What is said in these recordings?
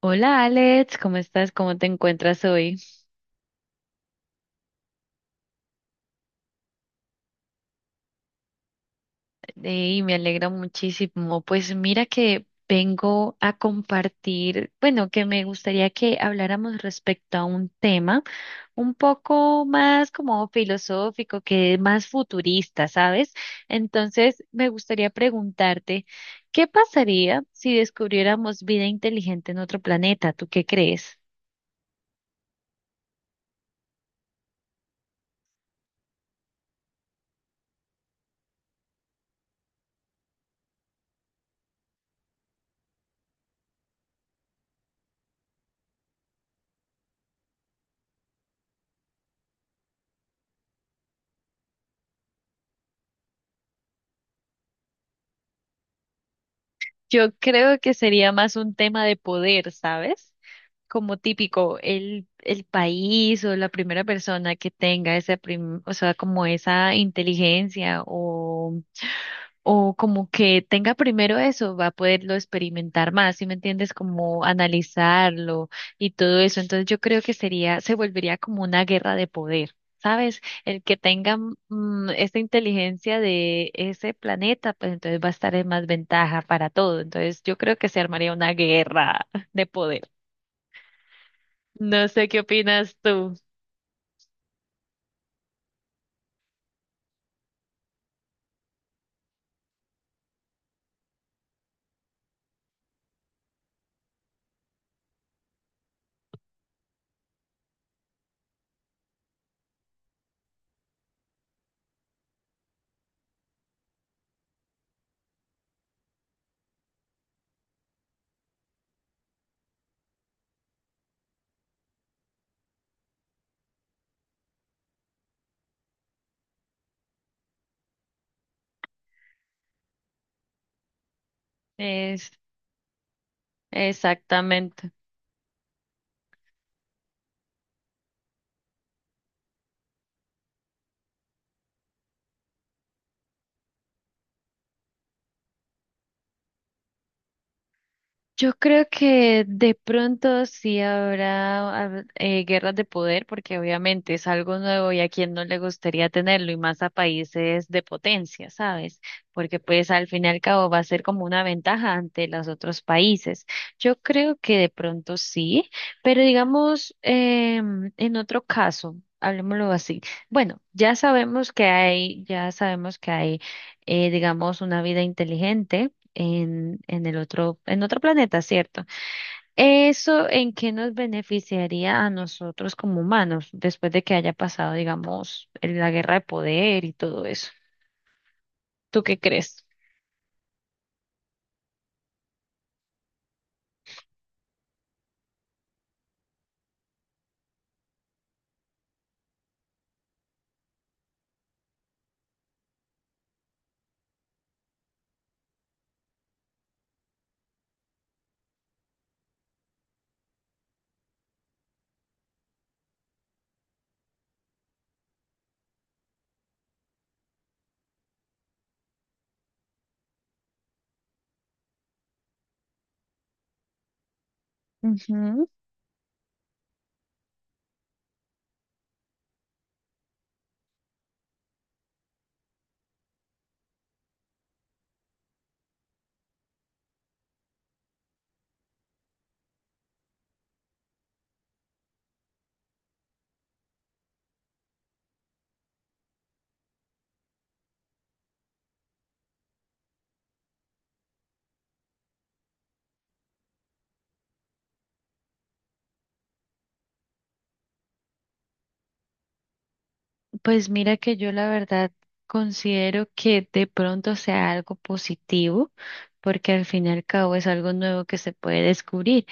Hola Alex, ¿cómo estás? ¿Cómo te encuentras hoy? Y me alegra muchísimo. Pues mira que vengo a compartir, bueno, que me gustaría que habláramos respecto a un tema un poco más como filosófico, que más futurista, ¿sabes? Entonces, me gustaría preguntarte, ¿qué pasaría si descubriéramos vida inteligente en otro planeta? ¿Tú qué crees? Yo creo que sería más un tema de poder, ¿sabes? Como típico, el país o la primera persona que tenga esa o sea, como esa inteligencia o como que tenga primero eso, va a poderlo experimentar más, ¿sí me entiendes? Como analizarlo y todo eso. Entonces yo creo que sería, se volvería como una guerra de poder. ¿Sabes? El que tenga esa inteligencia de ese planeta, pues entonces va a estar en más ventaja para todo. Entonces yo creo que se armaría una guerra de poder. No sé qué opinas tú. Es exactamente. Yo creo que de pronto sí habrá guerras de poder, porque obviamente es algo nuevo y a quien no le gustaría tenerlo, y más a países de potencia, ¿sabes? Porque pues al fin y al cabo va a ser como una ventaja ante los otros países. Yo creo que de pronto sí, pero digamos, en otro caso, hablemoslo así. Bueno, ya sabemos que hay, ya sabemos que hay, digamos, una vida inteligente en, en otro planeta, ¿cierto? ¿Eso en qué nos beneficiaría a nosotros como humanos después de que haya pasado, digamos, la guerra de poder y todo eso? ¿Tú qué crees? Pues mira que yo la verdad considero que de pronto sea algo positivo, porque al fin y al cabo es algo nuevo que se puede descubrir,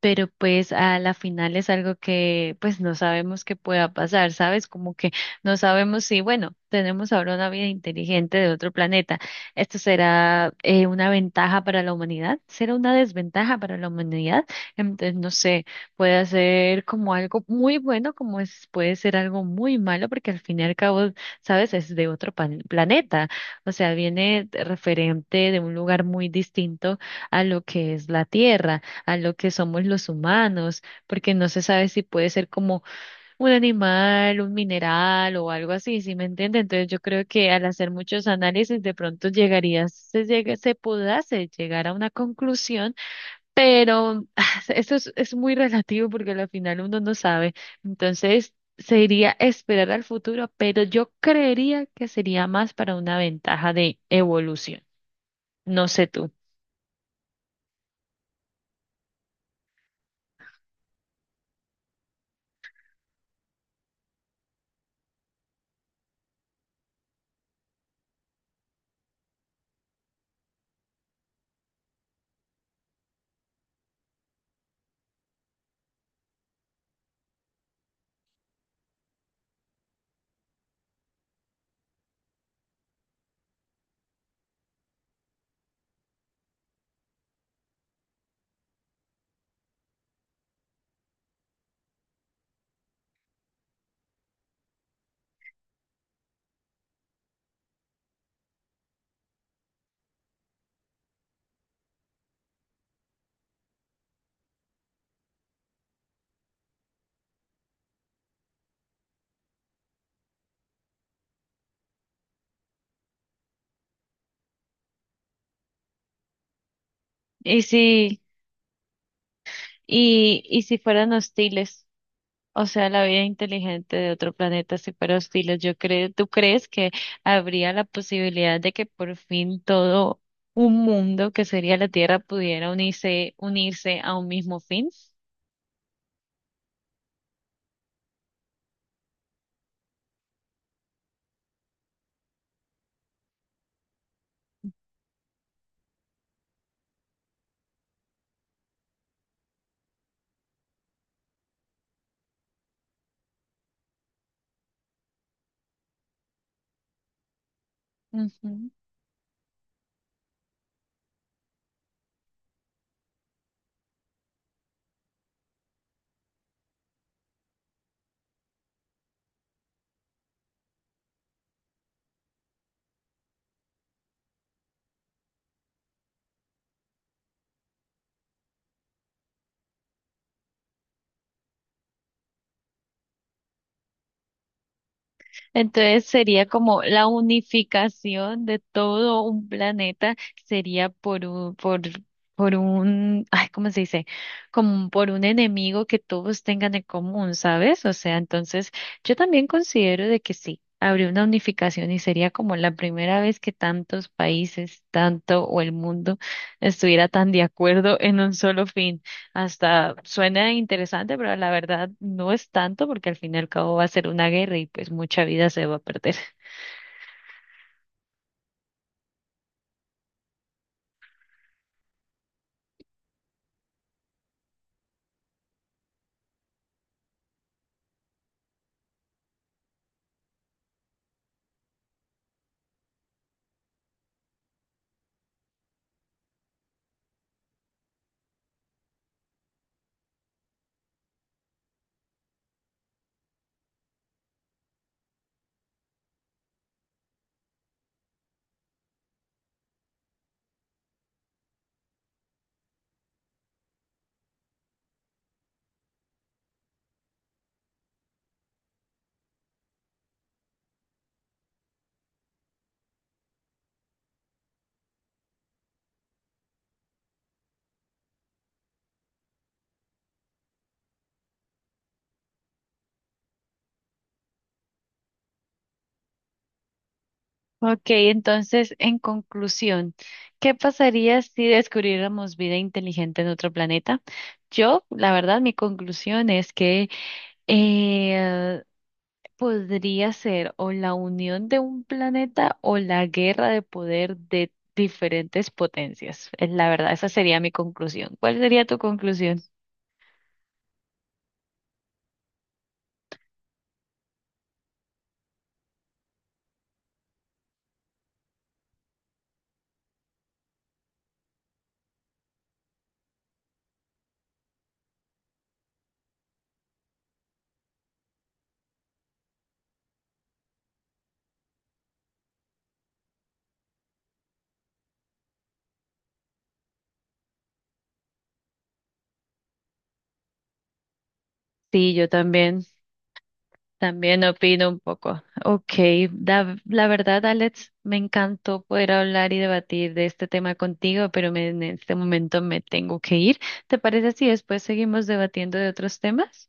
pero pues a la final es algo que pues no sabemos qué pueda pasar, ¿sabes? Como que no sabemos si, bueno, tenemos ahora una vida inteligente de otro planeta. ¿Esto será una ventaja para la humanidad? ¿Será una desventaja para la humanidad? Entonces, no sé. Puede ser como algo muy bueno, como es, puede ser algo muy malo, porque al fin y al cabo, sabes, es de otro planeta. O sea, referente de un lugar muy distinto a lo que es la Tierra, a lo que somos los humanos, porque no se sabe si puede ser como un animal, un mineral o algo así, ¿sí me entiende? Entonces yo creo que al hacer muchos análisis, de pronto se podase llegar a una conclusión, pero es muy relativo porque al final uno no sabe. Entonces, sería esperar al futuro, pero yo creería que sería más para una ventaja de evolución. No sé tú. Y si, y si fueran hostiles, o sea, la vida inteligente de otro planeta, si fuera hostiles, yo creo, ¿tú crees que habría la posibilidad de que por fin todo un mundo que sería la Tierra pudiera unirse a un mismo fin? Ujú. Entonces sería como la unificación de todo un planeta, sería por un, ay, ¿cómo se dice? Como por un enemigo que todos tengan en común, ¿sabes? O sea, entonces yo también considero de que sí, habría una unificación y sería como la primera vez que tantos países, tanto o el mundo estuviera tan de acuerdo en un solo fin. Hasta suena interesante, pero la verdad no es tanto porque al fin y al cabo va a ser una guerra y pues mucha vida se va a perder. Ok, entonces, en conclusión, ¿qué pasaría si descubriéramos vida inteligente en otro planeta? Yo, la verdad, mi conclusión es que eh, podría ser o la unión de un planeta o la guerra de poder de diferentes potencias. Es la verdad, esa sería mi conclusión. ¿Cuál sería tu conclusión? Sí, yo también. También opino un poco. Ok, la verdad, Alex, me encantó poder hablar y debatir de este tema contigo, pero en este momento me tengo que ir. ¿Te parece si después seguimos debatiendo de otros temas?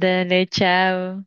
Dale, chao.